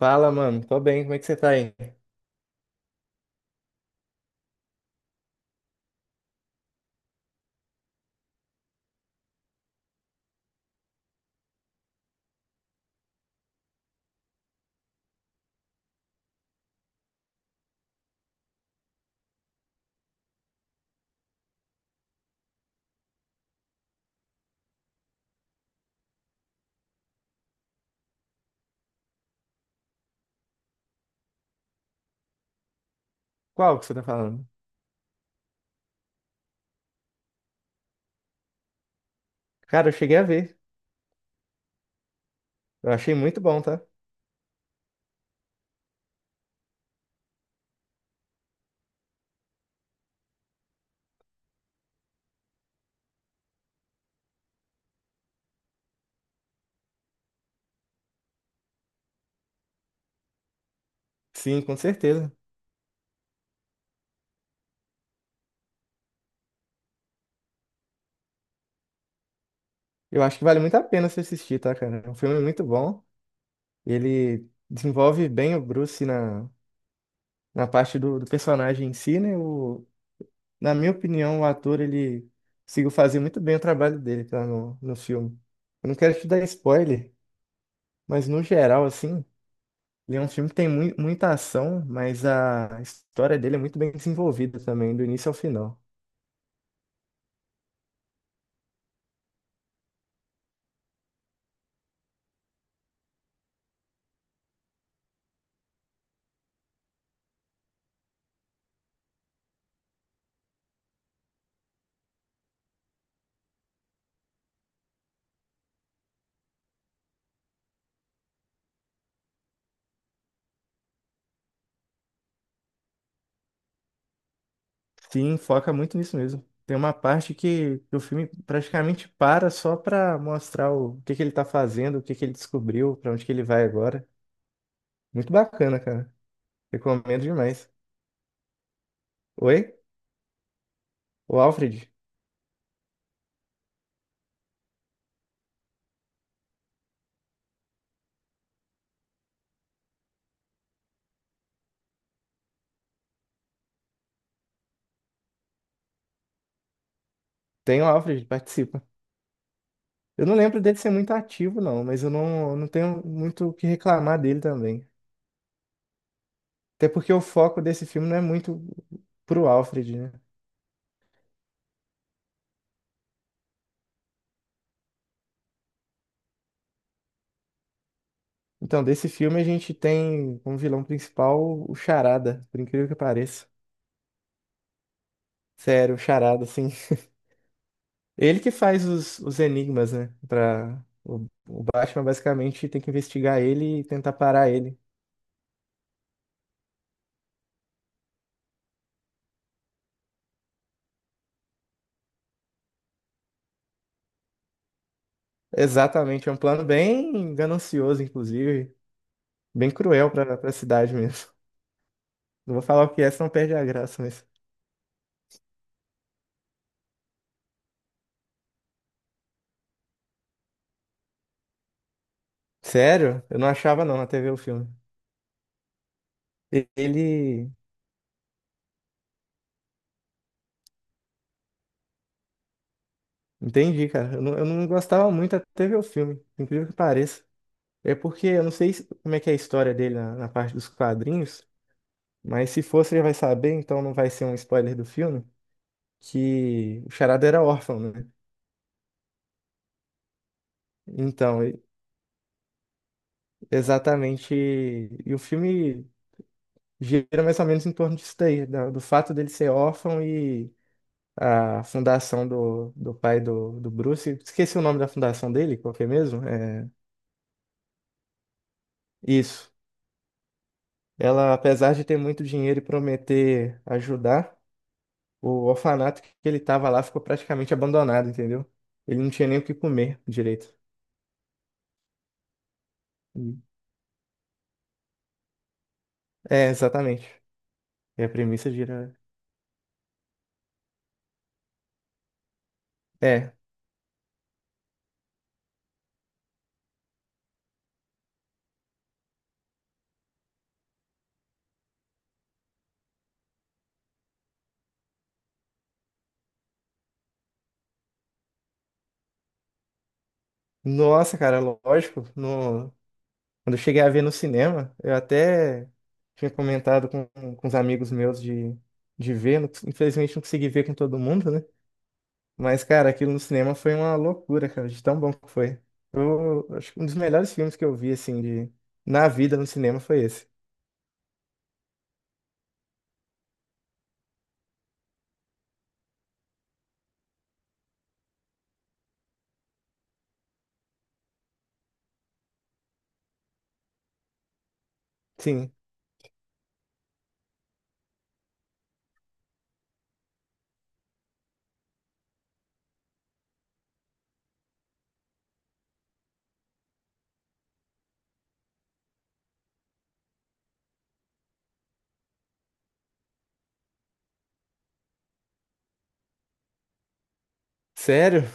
Fala, mano. Tô bem. Como é que você tá aí? Qual que você tá falando? Cara, eu cheguei a ver. Eu achei muito bom, tá? Sim, com certeza. Eu acho que vale muito a pena você assistir, tá, cara? É um filme muito bom. Ele desenvolve bem o Bruce na parte do personagem em si, né? O, na minha opinião, o ator, ele conseguiu fazer muito bem o trabalho dele, tá, no filme. Eu não quero te dar spoiler, mas no geral, assim, ele é um filme que tem muita ação, mas a história dele é muito bem desenvolvida também, do início ao final. Sim, foca muito nisso mesmo. Tem uma parte que o filme praticamente para só pra mostrar o que que ele tá fazendo, o que que ele descobriu, pra onde que ele vai agora. Muito bacana, cara. Recomendo demais. Oi? O Alfred? Tem o Alfred, participa. Eu não lembro dele ser muito ativo, não, mas eu não tenho muito o que reclamar dele também. Até porque o foco desse filme não é muito pro Alfred, né? Então, desse filme a gente tem como vilão principal o Charada, por incrível que pareça. Sério, o Charada, assim. Ele que faz os enigmas, né? Pra, o Batman basicamente tem que investigar ele e tentar parar ele. Exatamente, é um plano bem ganancioso, inclusive. Bem cruel pra cidade mesmo. Não vou falar o que é, senão perde a graça, mas. Sério? Eu não achava não na até ver o filme. E- Ele. Entendi, cara. Eu não gostava muito até ver o filme, por incrível que pareça. É porque eu não sei como é que é a história dele na parte dos quadrinhos, mas se for, você já vai saber, então não vai ser um spoiler do filme. Que o Charada era órfão, né? Então, e- Exatamente. E o filme gira mais ou menos em torno disso daí, do fato dele ser órfão e a fundação do pai do Bruce. Esqueci o nome da fundação dele, qual que é mesmo? É, isso. Ela, apesar de ter muito dinheiro e prometer ajudar, o orfanato que ele estava lá ficou praticamente abandonado, entendeu? Ele não tinha nem o que comer direito. Hum. É, exatamente. E a premissa gira. É. Nossa, cara, lógico. No... Quando eu cheguei a ver no cinema, eu até tinha comentado com os amigos meus de ver. Infelizmente não consegui ver com todo mundo, né? Mas, cara, aquilo no cinema foi uma loucura, cara, de tão bom que foi. Eu acho que um dos melhores filmes que eu vi, assim, de... na vida no cinema foi esse. Sim. Sério?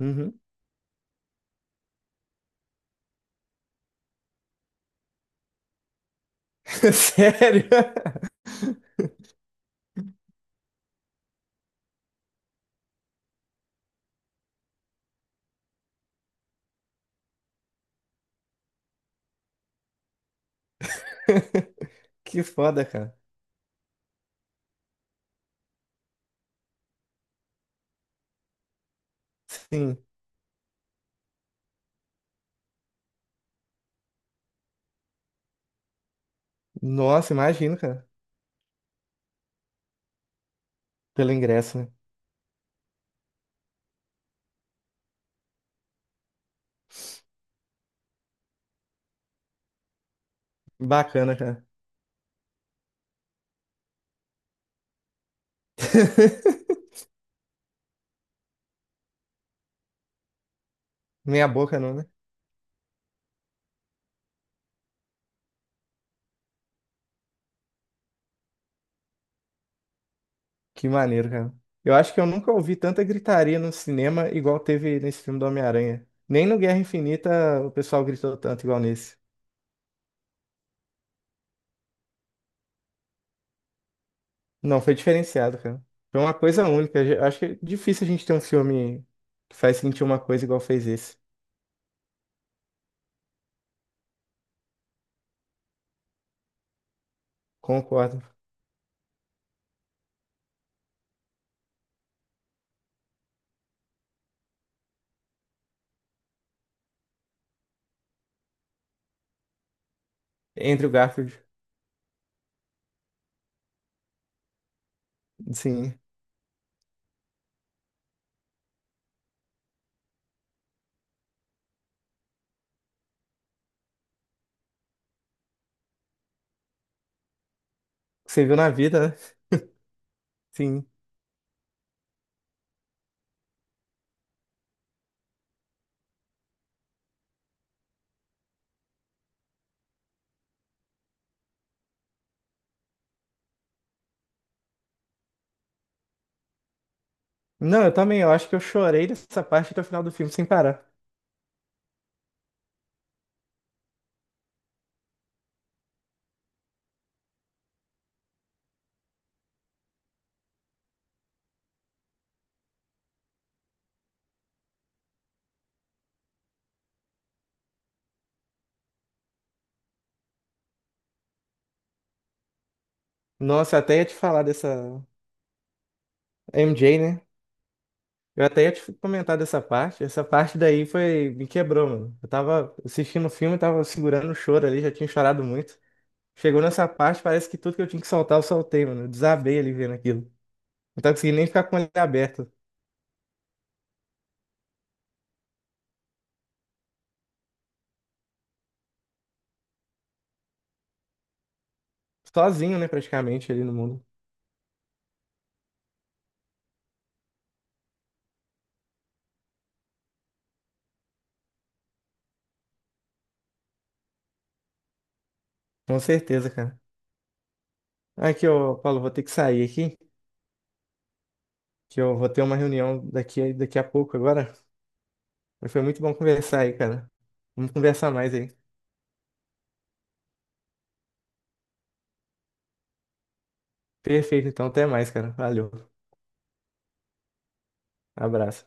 Uhum. Sério? Que foda, cara. Sim. Nossa, imagino, cara. Pelo ingresso, né? Bacana, cara. Meia boca não, né? Que maneiro, cara. Eu acho que eu nunca ouvi tanta gritaria no cinema igual teve nesse filme do Homem-Aranha. Nem no Guerra Infinita o pessoal gritou tanto igual nesse. Não, foi diferenciado, cara. Foi uma coisa única. Eu acho que é difícil a gente ter um filme que faz sentir uma coisa igual fez esse. Concordo. Andrew Garfield, sim. Você viu na vida, né? Sim. Não, eu também. Eu acho que eu chorei dessa parte até o final do filme sem parar. Nossa, eu até ia te falar dessa MJ, né? Eu até ia te comentar dessa parte. Essa parte daí foi, me quebrou, mano. Eu tava assistindo o filme, tava segurando o choro ali, já tinha chorado muito. Chegou nessa parte, parece que tudo que eu tinha que soltar, eu soltei, mano. Eu desabei ali vendo aquilo. Não tava conseguindo nem ficar com ele aberto. Sozinho, né, praticamente, ali no mundo. Com certeza, cara. Aqui, ô, Paulo, vou ter que sair aqui, que eu vou ter uma reunião daqui, daqui a pouco agora. Mas foi muito bom conversar aí, cara. Vamos conversar mais aí. Perfeito, então, até mais, cara. Valeu. Abraço.